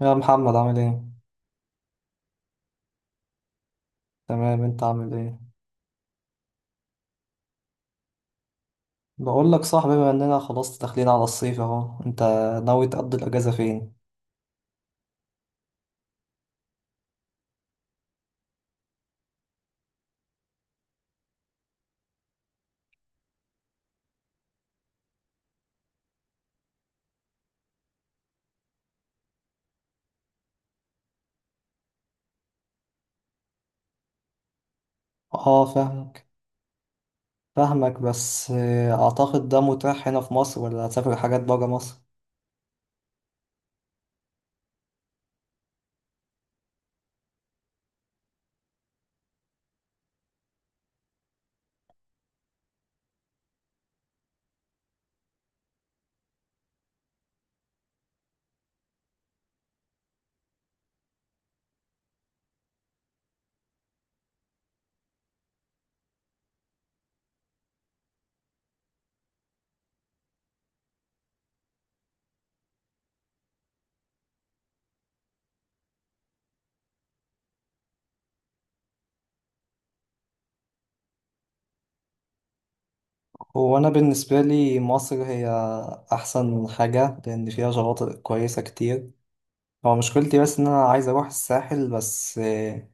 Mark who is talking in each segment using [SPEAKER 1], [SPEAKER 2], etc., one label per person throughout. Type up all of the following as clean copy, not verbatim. [SPEAKER 1] يا محمد، عامل ايه؟ تمام، انت عامل ايه؟ بقول لك صاحبي، بما اننا خلاص داخلين على الصيف اهو، انت ناوي تقضي الاجازة فين؟ اه، فاهمك. فاهمك بس اعتقد ده متاح هنا في مصر ولا هتسافر حاجات برا مصر؟ هو انا بالنسبة لي مصر هي احسن حاجة لان فيها شواطئ كويسة كتير. هو مشكلتي بس ان انا عايز اروح الساحل، بس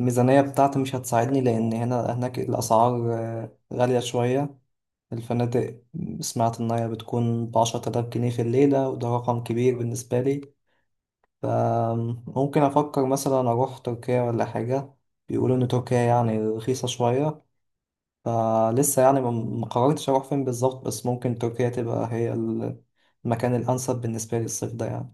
[SPEAKER 1] الميزانية بتاعتي مش هتساعدني لان هنا هناك الاسعار غالية شوية. الفنادق سمعت إنها بتكون بـ10000 جنيه في الليلة، وده رقم كبير بالنسبة لي. فممكن أفكر مثلا أروح تركيا ولا حاجة، بيقولوا إن تركيا يعني رخيصة شوية. فلسه يعني ما قررتش أروح فين بالظبط، بس ممكن تركيا تبقى هي المكان الأنسب بالنسبة لي الصيف ده يعني.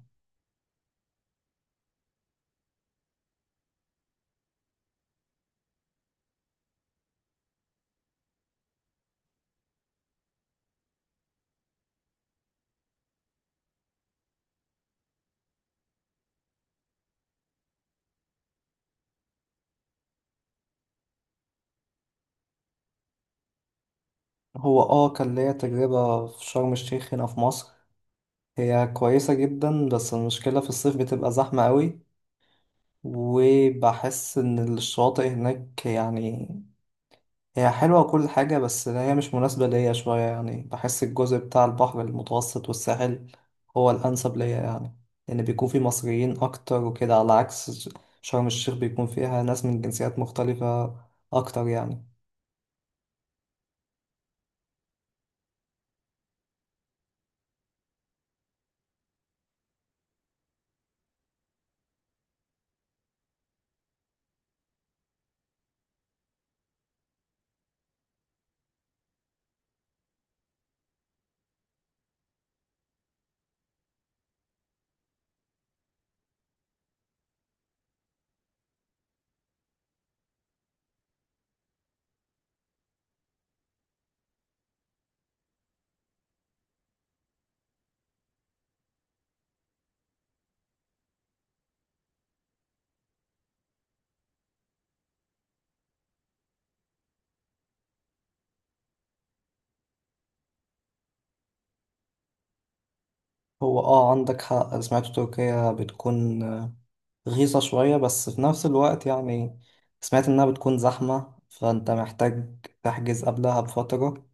[SPEAKER 1] هو آه كان ليا تجربة في شرم الشيخ هنا في مصر، هي كويسة جدا بس المشكلة في الصيف بتبقى زحمة قوي. وبحس إن الشواطئ هناك يعني هي حلوة كل حاجة، بس هي مش مناسبة ليا شوية. يعني بحس الجزء بتاع البحر المتوسط والساحل هو الأنسب ليا يعني، لأن بيكون فيه مصريين أكتر وكده، على عكس شرم الشيخ بيكون فيها ناس من جنسيات مختلفة أكتر يعني. هو اه عندك حق، سمعت تركيا بتكون رخيصة شوية، بس في نفس الوقت يعني سمعت إنها بتكون زحمة، فأنت محتاج تحجز قبلها بفترة،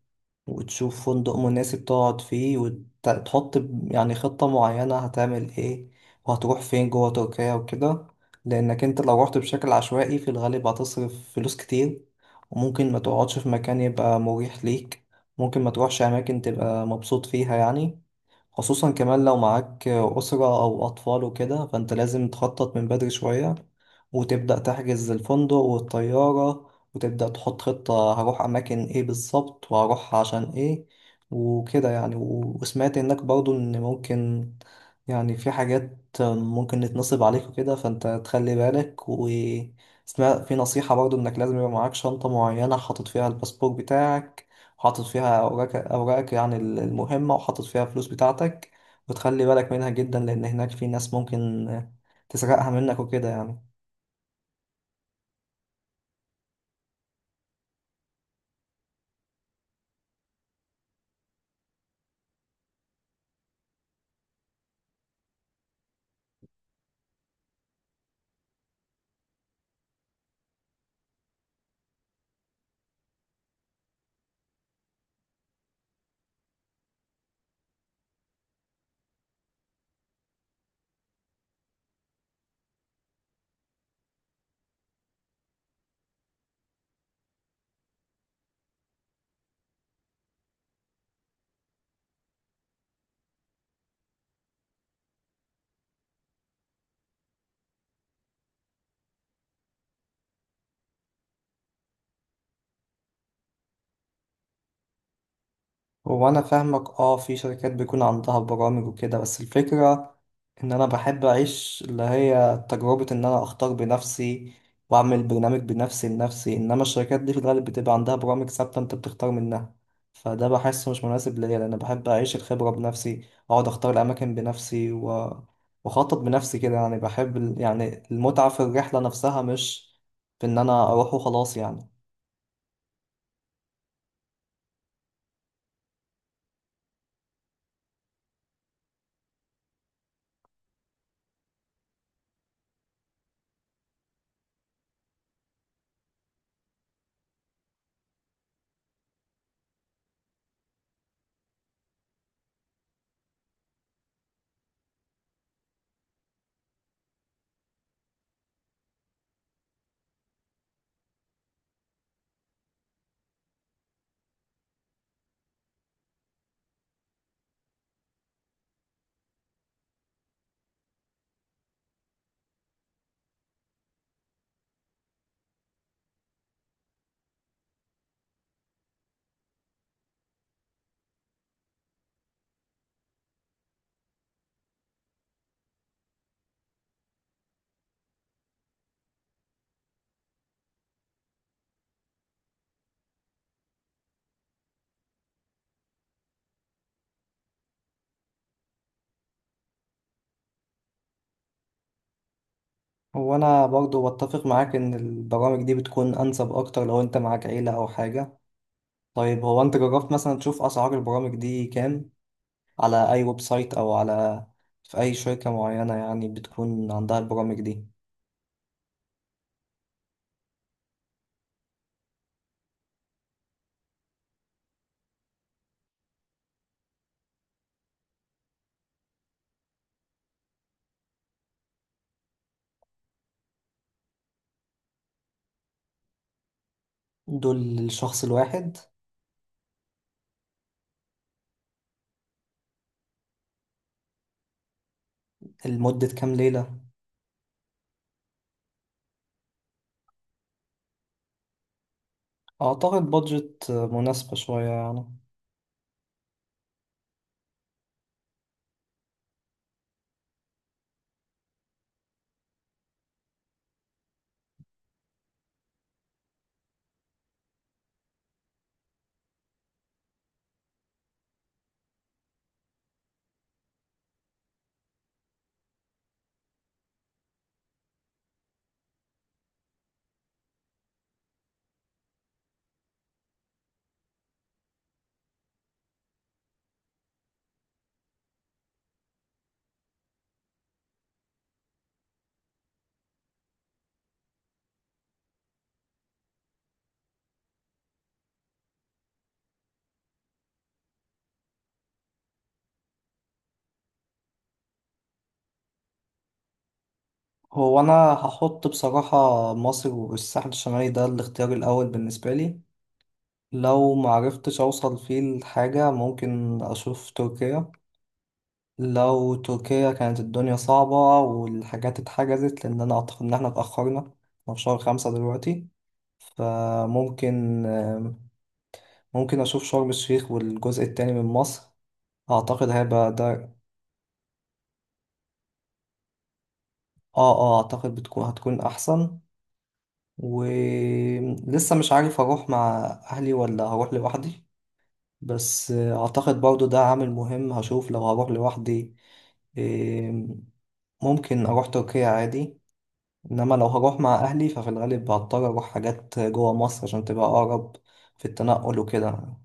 [SPEAKER 1] وتشوف فندق مناسب تقعد فيه، وتحط يعني خطة معينة هتعمل ايه وهتروح فين جوه تركيا وكده. لأنك انت لو رحت بشكل عشوائي في الغالب هتصرف فلوس كتير، وممكن ما تقعدش في مكان يبقى مريح ليك، ممكن ما تروحش أماكن تبقى مبسوط فيها يعني. خصوصا كمان لو معاك أسرة أو أطفال وكده، فأنت لازم تخطط من بدري شوية، وتبدأ تحجز الفندق والطيارة، وتبدأ تحط خطة هروح أماكن إيه بالظبط وهروح عشان إيه وكده يعني. وسمعت إنك برضو إن ممكن يعني في حاجات ممكن تتنصب عليك وكده، فأنت تخلي بالك. وسمعت في نصيحة برضو إنك لازم يبقى معاك شنطة معينة حاطط فيها الباسبور بتاعك، وحاطط فيها أوراقك يعني المهمة، وحاطط فيها الفلوس بتاعتك، وتخلي بالك منها جدا، لأن هناك في ناس ممكن تسرقها منك وكده يعني. هو انا فاهمك. اه، في شركات بيكون عندها برامج وكده، بس الفكرة ان انا بحب اعيش اللي هي تجربة ان انا اختار بنفسي، واعمل برنامج بنفسي لنفسي. انما الشركات دي في الغالب بتبقى عندها برامج ثابتة انت بتختار منها، فده بحسه مش مناسب ليا لان بحب اعيش الخبرة بنفسي، اقعد اختار الاماكن بنفسي واخطط بنفسي كده يعني. بحب يعني المتعة في الرحلة نفسها، مش في ان انا اروح وخلاص يعني. هو انا برضو بتفق معاك ان البرامج دي بتكون انسب اكتر لو انت معاك عيلة او حاجة. طيب، هو انت جربت مثلا تشوف اسعار البرامج دي كام، على اي ويب سايت او على في اي شركة معينة يعني بتكون عندها البرامج دي؟ دول للشخص الواحد؟ لمدة كام ليلة؟ اعتقد بادجت مناسبة شوية يعني. هو انا هحط بصراحة مصر والساحل الشمالي ده الاختيار الاول بالنسبة لي، لو معرفتش اوصل فيه لحاجة ممكن اشوف تركيا. لو تركيا كانت الدنيا صعبة والحاجات اتحجزت، لأن أنا أعتقد إن احنا اتأخرنا، احنا في شهر 5 دلوقتي. فممكن أشوف شرم الشيخ والجزء التاني من مصر، أعتقد هيبقى ده. آه، آه، أعتقد هتكون أحسن. ولسه مش عارف هروح مع أهلي ولا هروح لوحدي، بس أعتقد برضو ده عامل مهم. هشوف لو هروح لوحدي إيه، ممكن أروح تركيا عادي. انما لو هروح مع اهلي ففي الغالب هضطر اروح حاجات جوه مصر عشان تبقى اقرب في التنقل وكده.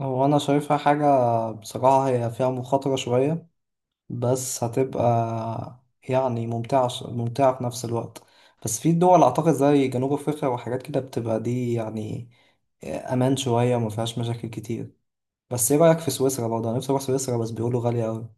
[SPEAKER 1] هو انا شايفها حاجة بصراحة هي فيها مخاطرة شوية، بس هتبقى يعني ممتعة. ممتعة في نفس الوقت. بس في دول اعتقد زي جنوب افريقيا وحاجات كده بتبقى دي يعني امان شوية وما فيهاش مشاكل كتير. بس ايه رأيك في سويسرا؟ برضه انا نفسي اروح سويسرا، بس بيقولوا غالية اوي.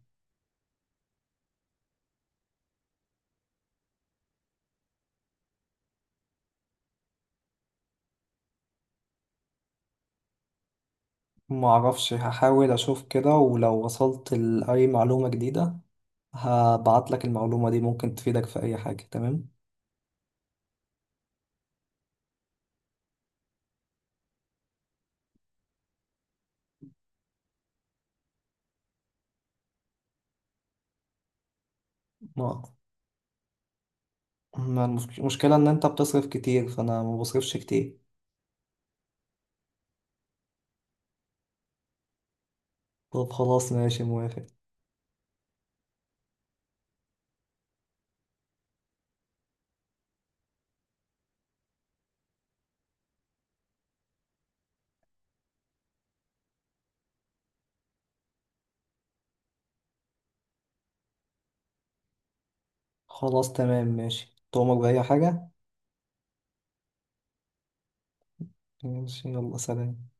[SPEAKER 1] معرفش، هحاول اشوف كده، ولو وصلت لأي معلومة جديدة هبعت لك المعلومة دي ممكن تفيدك في أي حاجة. تمام. ما ما المشك- المشكلة إن أنت بتصرف كتير فأنا ما بصرفش كتير. طب خلاص، ماشي، موافق. خلاص تمام، ماشي، تؤمر بأي حاجة. ماشي، يلا، سلام.